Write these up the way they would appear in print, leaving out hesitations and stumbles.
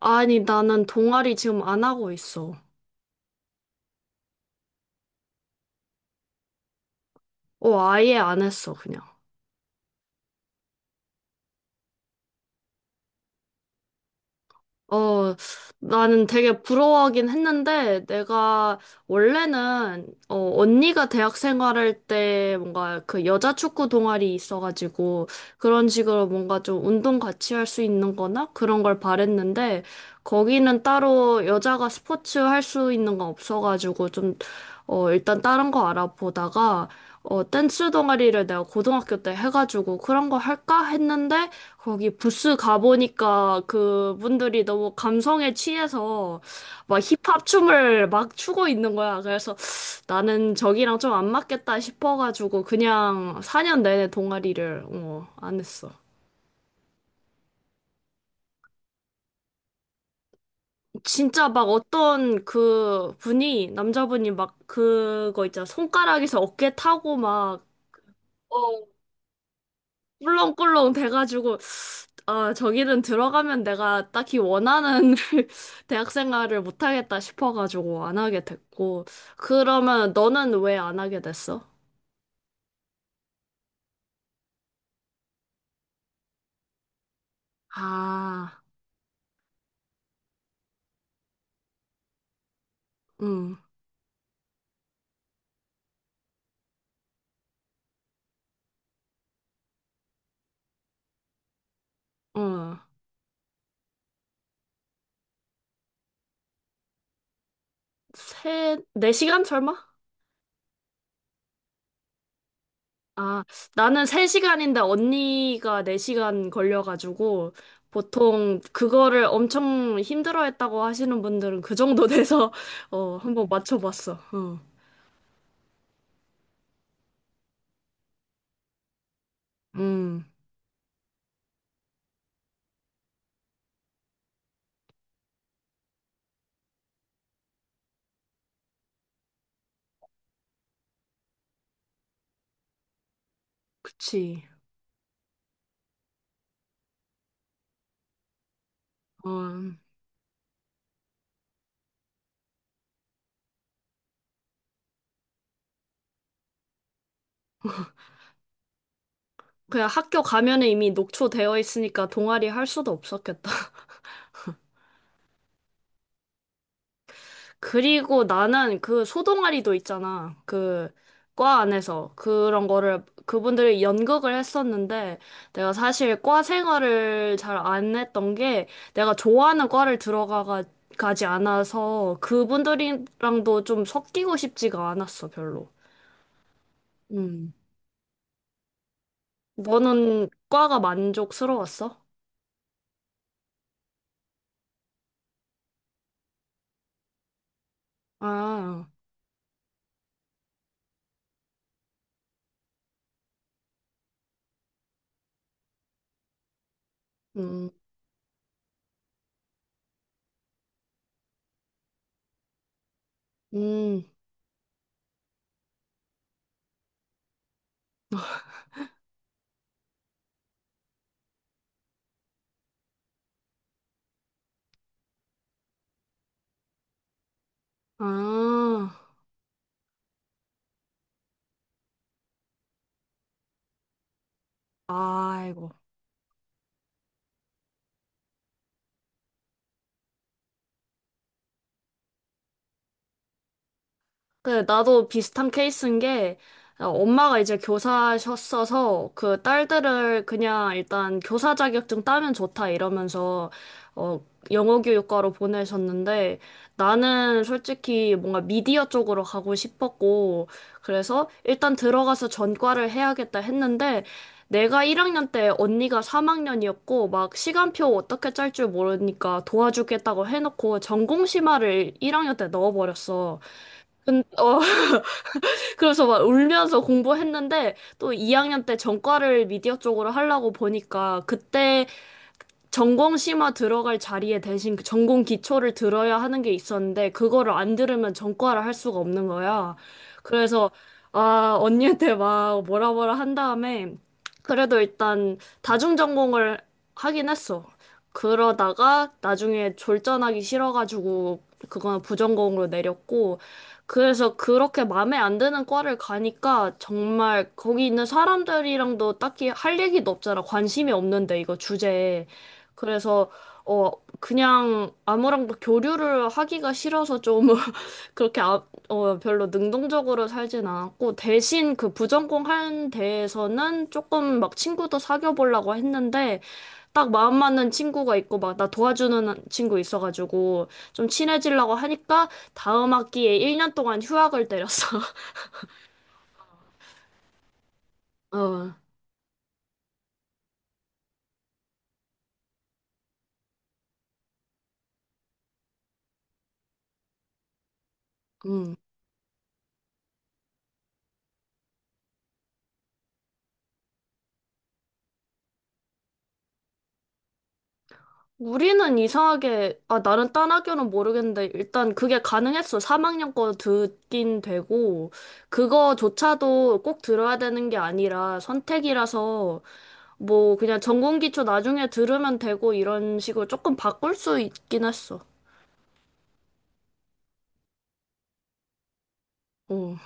아니, 나는 동아리 지금 안 하고 있어. 아예 안 했어, 그냥. 어, 나는 되게 부러워하긴 했는데, 내가 원래는, 언니가 대학 생활할 때 뭔가 그 여자 축구 동아리 있어가지고, 그런 식으로 뭔가 좀 운동 같이 할 수 있는 거나 그런 걸 바랬는데, 거기는 따로 여자가 스포츠 할 수 있는 거 없어가지고, 좀, 일단 다른 거 알아보다가, 댄스 동아리를 내가 고등학교 때 해가지고, 그런 거 할까 했는데, 거기 부스 가보니까 그분들이 너무 감성에 취해서 막 힙합 춤을 막 추고 있는 거야. 그래서 나는 저기랑 좀 안 맞겠다 싶어가지고 그냥 4년 내내 동아리를 안 했어. 진짜 막 어떤 그 분이, 남자분이 막 그거 있잖아. 손가락에서 어깨 타고 막 어, 꿀렁꿀렁 돼가지고 아 저기는 들어가면 내가 딱히 원하는 대학 생활을 못하겠다 싶어가지고 안 하게 됐고. 그러면 너는 왜 안 하게 됐어? 아, 응.. 응.. 세, 네 시간 설마? 아, 나는 세 시간인데 언니가 네 시간 걸려가지고 보통 그거를 엄청 힘들어했다고 하시는 분들은 그 정도 돼서 어, 한번 맞춰봤어. 어. 음, 그치. 어. 그냥 학교 가면은 이미 녹초되어 있으니까 동아리 할 수도 없었겠다. 그리고 나는 그 소동아리도 있잖아. 그 과 안에서 그런 거를 그분들이 연극을 했었는데 내가 사실 과 생활을 잘 안 했던 게 내가 좋아하는 과를 들어가 가지 않아서 그분들이랑도 좀 섞이고 싶지가 않았어, 별로. 음. 너는 과가 만족스러웠어? 아. 음. 음. 아. 아이고. 그 나도 비슷한 케이스인 게 엄마가 이제 교사셨어서 그 딸들을 그냥 일단 교사 자격증 따면 좋다 이러면서 어 영어 교육과로 보내셨는데 나는 솔직히 뭔가 미디어 쪽으로 가고 싶었고 그래서 일단 들어가서 전과를 해야겠다 했는데 내가 1학년 때 언니가 3학년이었고 막 시간표 어떻게 짤 줄 모르니까 도와주겠다고 해놓고 전공 심화를 1학년 때 넣어버렸어. 근, 어, 그래서 막 울면서 공부했는데 또 2학년 때 전과를 미디어 쪽으로 하려고 보니까 그때 전공 심화 들어갈 자리에 대신 그 전공 기초를 들어야 하는 게 있었는데 그거를 안 들으면 전과를 할 수가 없는 거야. 그래서 아 언니한테 막 뭐라 뭐라 한 다음에 그래도 일단 다중 전공을 하긴 했어. 그러다가 나중에 졸전하기 싫어가지고 그거는 부전공으로 내렸고 그래서 그렇게 마음에 안 드는 과를 가니까 정말 거기 있는 사람들이랑도 딱히 할 얘기도 없잖아. 관심이 없는데 이거 주제에. 그래서 어 그냥 아무랑도 교류를 하기가 싫어서 좀 그렇게 아, 어 별로 능동적으로 살진 않았고 대신 그 부전공 한 데에서는 조금 막 친구도 사귀어 보려고 했는데 딱 마음 맞는 친구가 있고 막 나 도와주는 친구 있어가지고 좀 친해지려고 하니까 다음 학기에 1년 동안 휴학을 때렸어. 어. 음. 우리는 이상하게, 아, 나는 딴 학교는 모르겠는데, 일단 그게 가능했어. 3학년 거 듣긴 되고, 그거조차도 꼭 들어야 되는 게 아니라 선택이라서, 뭐, 그냥 전공 기초 나중에 들으면 되고, 이런 식으로 조금 바꿀 수 있긴 했어. 어.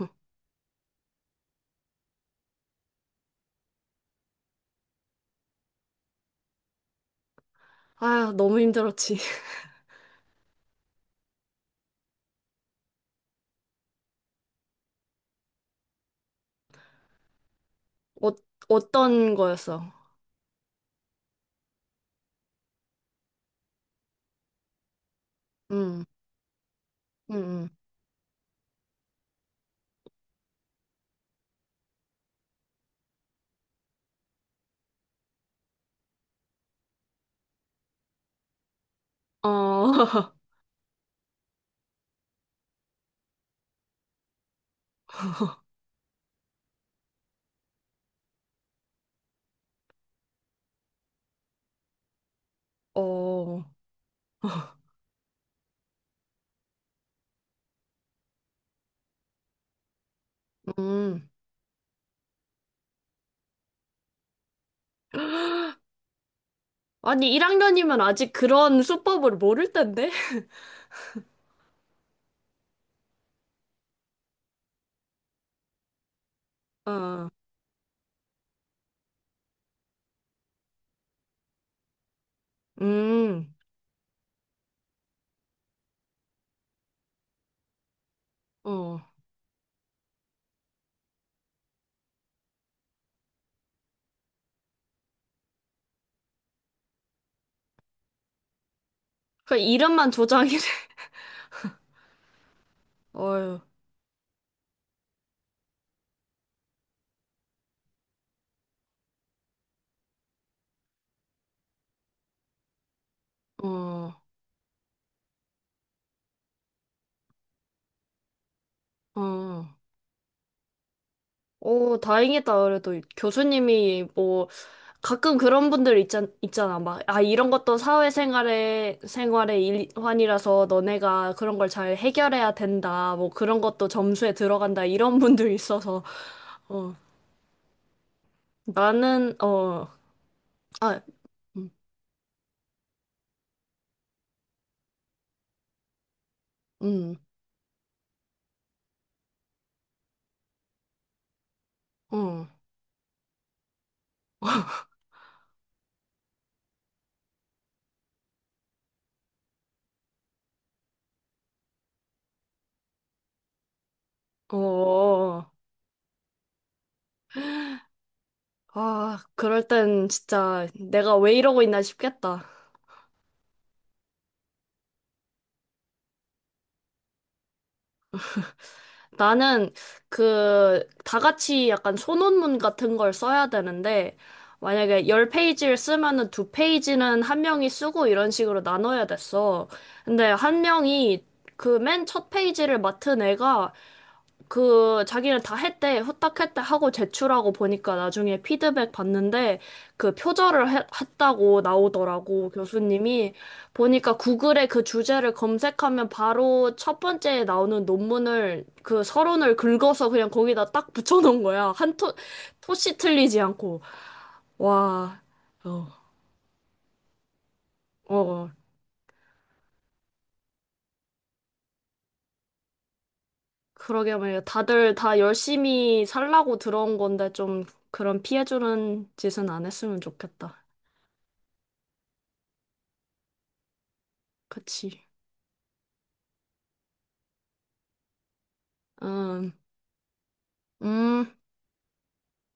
아휴, 너무 힘들었지. 어, 어떤 거였어? 음, 음, 어, 어, 음. 아니, 1학년이면 아직 그런 수법을 모를 텐데? 어. 음, 어. 그 이름만 조장이래. 어휴, 어, 어. 오, 다행이다. 그래도 교수님이 뭐 가끔 그런 분들 있잖, 있잖아. 막, 아, 이런 것도 사회생활의 생활의 일환이라서 너네가 그런 걸 잘 해결해야 된다. 뭐 그런 것도 점수에 들어간다. 이런 분들 있어서. 어, 나는, 어, 아, 음, 음, 어, 어. 아, 그럴 땐 진짜 내가 왜 이러고 있나 싶겠다. 나는 그, 다 같이 약간 소논문 같은 걸 써야 되는데, 만약에 열페이지를 쓰면은 두페이지는한 명이 쓰고 이런 식으로 나눠야 됐어. 근데 한 명이 그 맨 첫 페이지를 맡은 애가 그 자기는 다 했대 후딱 했대 하고 제출하고 보니까 나중에 피드백 받는데 그 표절을 했다고 나오더라고 교수님이 보니까 구글에 그 주제를 검색하면 바로 첫 번째에 나오는 논문을 그 서론을 긁어서 그냥 거기다 딱 붙여놓은 거야 한 토, 토씨 틀리지 않고 와 어, 어, 어. 그러게 말이야 다들 다 열심히 살라고 들어온 건데 좀 그런 피해주는 짓은 안 했으면 좋겠다. 같이 음, 음.